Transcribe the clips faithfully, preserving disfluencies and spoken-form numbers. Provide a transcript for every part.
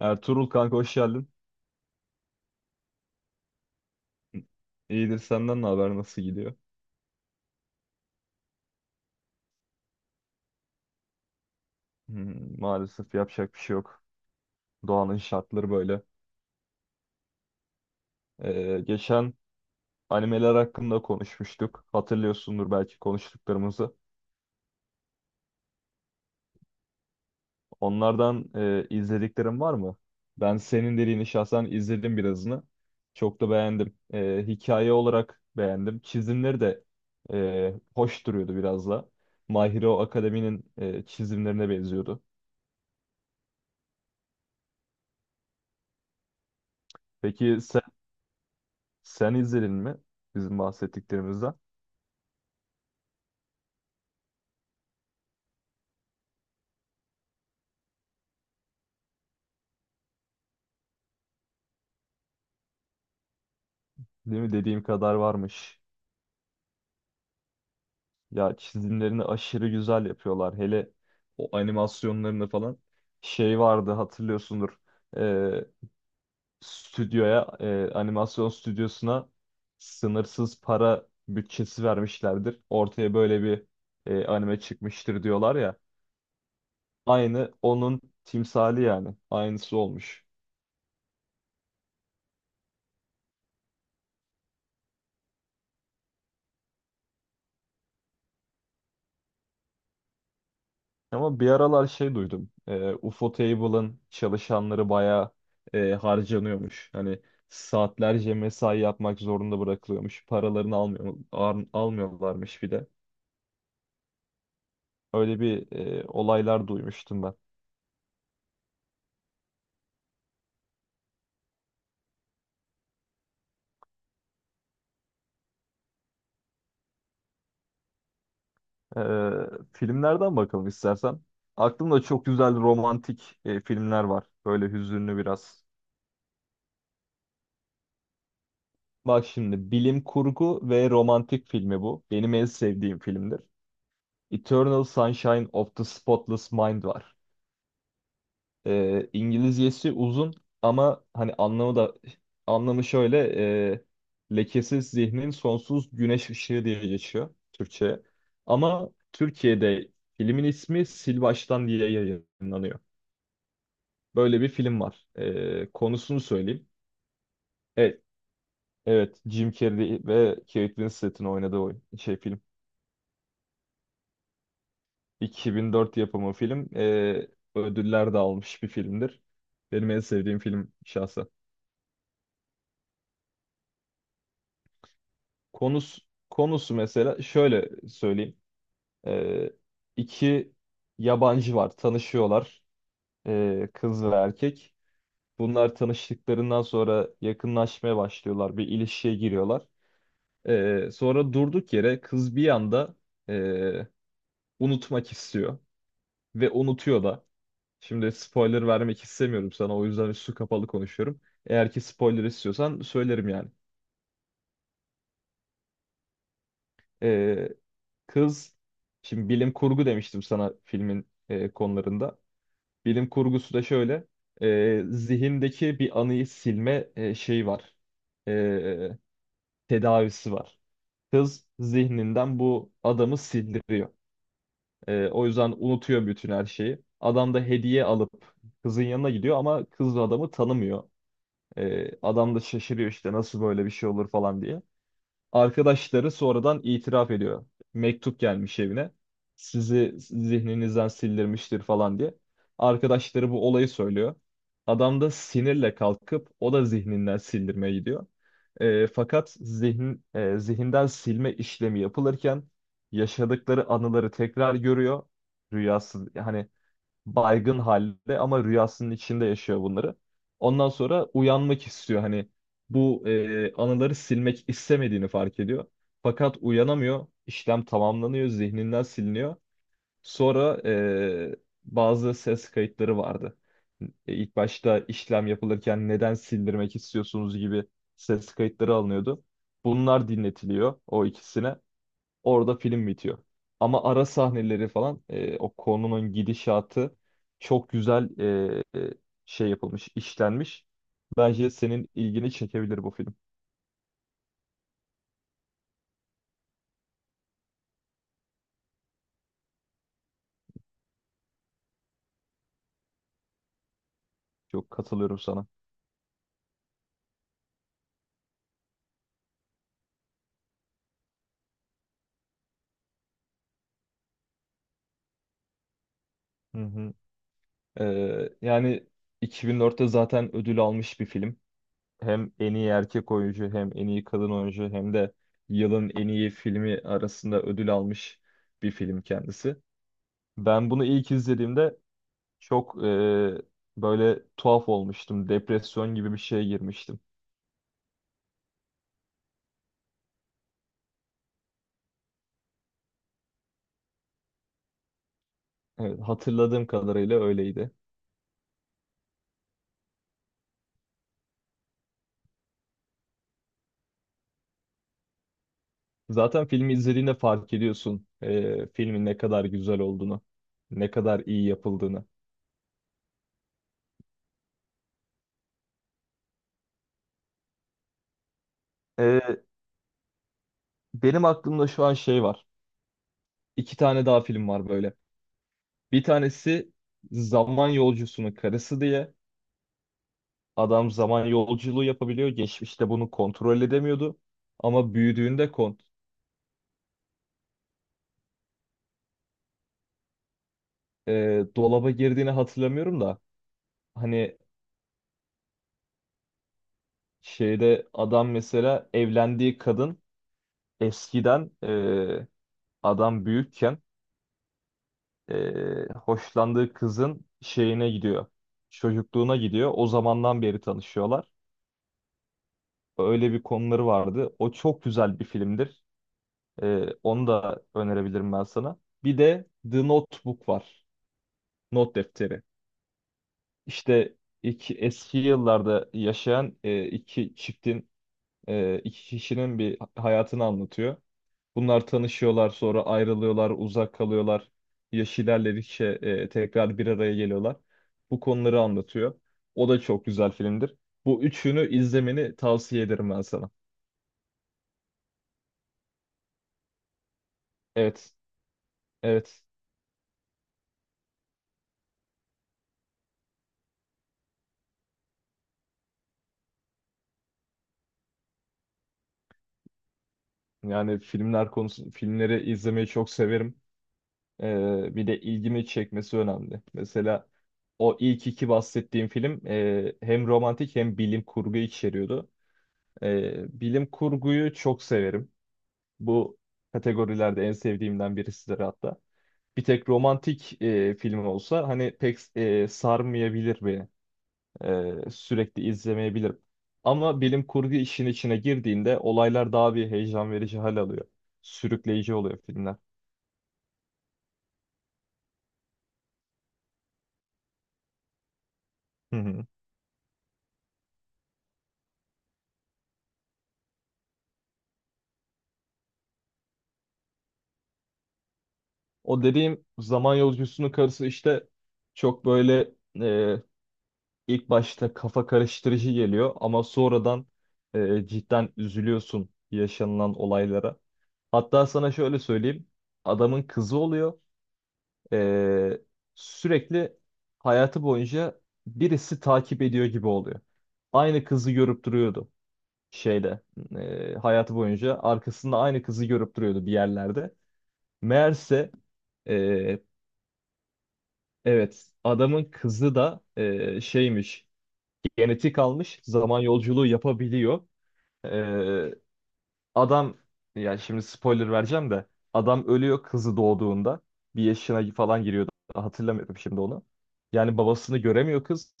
Ertuğrul kanka hoş geldin. İyidir senden ne haber, nasıl gidiyor? Hmm, maalesef yapacak bir şey yok. Doğanın şartları böyle. Ee, geçen animeler hakkında konuşmuştuk. Hatırlıyorsundur belki konuştuklarımızı. Onlardan e, izlediklerin var mı? Ben senin dediğini şahsen izledim birazını. Çok da beğendim. Ee, hikaye olarak beğendim. Çizimleri de e, hoş duruyordu biraz da. My Hero Academy'nin e, çizimlerine benziyordu. Peki sen Sen izledin mi bizim bahsettiklerimizden? Değil mi? Dediğim kadar varmış. Ya çizimlerini aşırı güzel yapıyorlar. Hele o animasyonlarını falan. Şey vardı hatırlıyorsundur. Ee, Stüdyoya, e, animasyon stüdyosuna sınırsız para bütçesi vermişlerdir. Ortaya böyle bir e, anime çıkmıştır diyorlar ya. Aynı onun timsali yani. Aynısı olmuş. Ama bir aralar şey duydum. E, U F O Table'ın çalışanları bayağı e, harcanıyormuş. Hani saatlerce mesai yapmak zorunda bırakılıyormuş. Paralarını almıyor, al- almıyorlarmış bir de. Öyle bir e, olaylar duymuştum ben. E, filmlerden bakalım istersen. Aklımda çok güzel romantik e, filmler var. Böyle hüzünlü biraz. Bak şimdi, bilim kurgu ve romantik filmi bu. Benim en sevdiğim filmdir. Eternal Sunshine of the Spotless Mind var. E, İngilizcesi uzun ama hani anlamı da anlamı şöyle, e, lekesiz zihnin sonsuz güneş ışığı diye geçiyor Türkçe. Ama Türkiye'de filmin ismi Sil Baştan diye yayınlanıyor. Böyle bir film var. E, konusunu söyleyeyim. Evet, evet, Jim Carrey ve Kate Winslet'in oynadığı oyun, şey, film. iki bin dört yapımı film. E, ödüller de almış bir filmdir. Benim en sevdiğim film şahsen. Konusu, Konusu mesela şöyle söyleyeyim. Ee, iki yabancı var, tanışıyorlar. Ee, kız ve erkek. Bunlar tanıştıklarından sonra yakınlaşmaya başlıyorlar, bir ilişkiye giriyorlar. Ee, sonra durduk yere kız bir anda ee, unutmak istiyor ve unutuyor da. Şimdi spoiler vermek istemiyorum sana, o yüzden üstü kapalı konuşuyorum. Eğer ki spoiler istiyorsan söylerim yani. Ee, Kız, şimdi bilim kurgu demiştim sana filmin e, konularında. Bilim kurgusu da şöyle, e, zihindeki bir anıyı silme e, şeyi var, e, tedavisi var. Kız zihninden bu adamı sildiriyor. E, o yüzden unutuyor bütün her şeyi. Adam da hediye alıp kızın yanına gidiyor ama kız da adamı tanımıyor. E, adam da şaşırıyor işte, nasıl böyle bir şey olur falan diye. Arkadaşları sonradan itiraf ediyor. Mektup gelmiş evine. Sizi zihninizden sildirmiştir falan diye. Arkadaşları bu olayı söylüyor. Adam da sinirle kalkıp o da zihninden sildirmeye gidiyor. E, fakat zihin, e, zihinden silme işlemi yapılırken yaşadıkları anıları tekrar görüyor. Rüyası hani, baygın halde ama rüyasının içinde yaşıyor bunları. Ondan sonra uyanmak istiyor, hani bu e, anıları silmek istemediğini fark ediyor. Fakat uyanamıyor. İşlem tamamlanıyor, zihninden siliniyor. Sonra e, bazı ses kayıtları vardı. E, İlk başta işlem yapılırken neden sildirmek istiyorsunuz gibi ses kayıtları alınıyordu. Bunlar dinletiliyor o ikisine. Orada film bitiyor. Ama ara sahneleri falan, e, o konunun gidişatı çok güzel e, e, şey yapılmış, işlenmiş. Bence senin ilgini çekebilir bu film. Çok katılıyorum sana. Hı hı. E, Yani iki bin dörtte zaten ödül almış bir film. Hem en iyi erkek oyuncu, hem en iyi kadın oyuncu, hem de yılın en iyi filmi arasında ödül almış bir film kendisi. Ben bunu ilk izlediğimde çok e, böyle tuhaf olmuştum. Depresyon gibi bir şeye girmiştim. Evet, hatırladığım kadarıyla öyleydi. Zaten filmi izlediğinde fark ediyorsun e, filmin ne kadar güzel olduğunu, ne kadar iyi yapıldığını. E, Benim aklımda şu an şey var. İki tane daha film var böyle. Bir tanesi Zaman Yolcusunun Karısı diye. Adam zaman yolculuğu yapabiliyor. Geçmişte bunu kontrol edemiyordu. Ama büyüdüğünde kont e, dolaba girdiğini hatırlamıyorum da. Hani şeyde adam mesela evlendiği kadın eskiden e, adam büyükken e, hoşlandığı kızın şeyine gidiyor. Çocukluğuna gidiyor. O zamandan beri tanışıyorlar. Öyle bir konuları vardı. O çok güzel bir filmdir. E, onu da önerebilirim ben sana. Bir de The Notebook var. Not defteri. İşte iki, eski yıllarda yaşayan e, iki çiftin, e, iki kişinin bir hayatını anlatıyor. Bunlar tanışıyorlar, sonra ayrılıyorlar, uzak kalıyorlar. Yaş ilerledikçe e, tekrar bir araya geliyorlar. Bu konuları anlatıyor. O da çok güzel filmdir. Bu üçünü izlemeni tavsiye ederim ben sana. Evet, evet. Yani filmler konusu, filmleri izlemeyi çok severim. E, bir de ilgimi çekmesi önemli. Mesela o ilk iki bahsettiğim film e, hem romantik hem bilim kurgu içeriyordu. E, bilim kurguyu çok severim. Bu kategorilerde en sevdiğimden birisidir hatta. Bir tek romantik e, film olsa hani pek e, sarmayabilir beni. E, sürekli izlemeyebilirim. Ama bilim kurgu işin içine girdiğinde olaylar daha bir heyecan verici hal alıyor. Sürükleyici oluyor filmler. Hı hı. O dediğim zaman yolcusunun karısı işte çok böyle e, ilk başta kafa karıştırıcı geliyor ama sonradan e, cidden üzülüyorsun yaşanılan olaylara. Hatta sana şöyle söyleyeyim. Adamın kızı oluyor. Ee, Sürekli hayatı boyunca birisi takip ediyor gibi oluyor. Aynı kızı görüp duruyordu şeyde. Ee, hayatı boyunca arkasında aynı kızı görüp duruyordu bir yerlerde. Meğerse ee, evet, adamın kızı da ee, şeymiş, genetik almış, zaman yolculuğu yapabiliyor. E, Adam, yani şimdi spoiler vereceğim de, adam ölüyor kızı doğduğunda. Bir yaşına falan giriyordu. Hatırlamıyorum şimdi onu. Yani babasını göremiyor kız.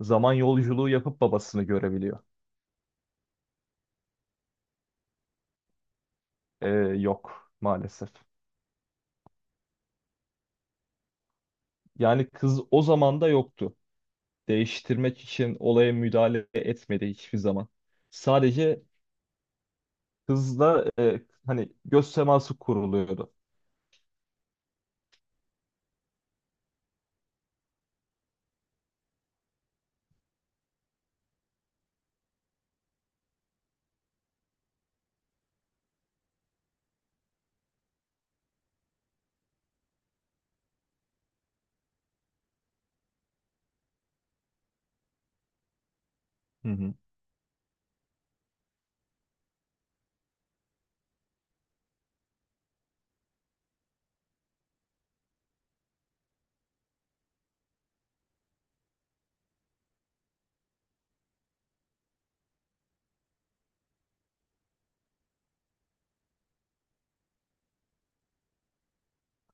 Zaman yolculuğu yapıp babasını görebiliyor. Ee, Yok, maalesef. Yani kız o zaman da yoktu. Değiştirmek için olaya müdahale etmedi hiçbir zaman. Sadece kızla e, hani göz teması kuruluyordu. Hı hı.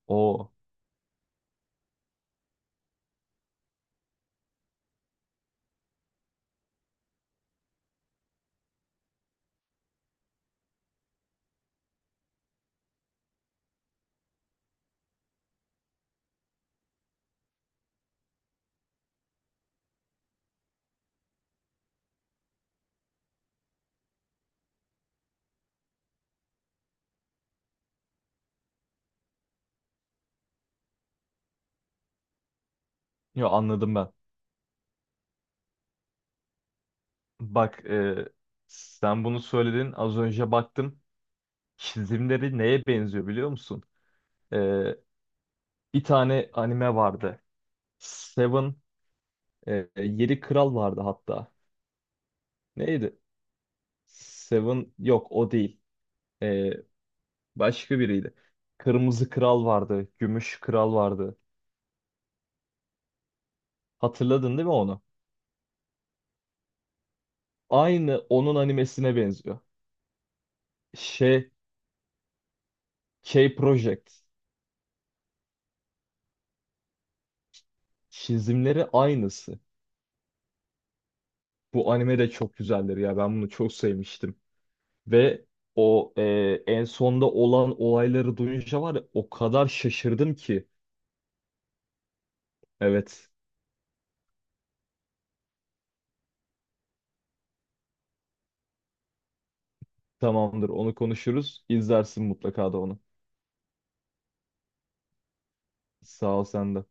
O. Yo, anladım ben. Bak, e, sen bunu söyledin. Az önce baktım. Çizimleri neye benziyor biliyor musun? Ee, Bir tane anime vardı. Seven, e, Yedi Kral vardı hatta. Neydi? Seven, yok o değil. Ee, Başka biriydi. Kırmızı Kral vardı, Gümüş Kral vardı. Hatırladın değil mi onu? Aynı onun animesine benziyor. Şey, K-Project. Çizimleri aynısı. Bu anime de çok güzeldir ya. Ben bunu çok sevmiştim. Ve o e, en sonda olan olayları duyunca var ya, o kadar şaşırdım ki. Evet, tamamdır, onu konuşuruz. İzlersin mutlaka da onu. Sağ ol, sen de.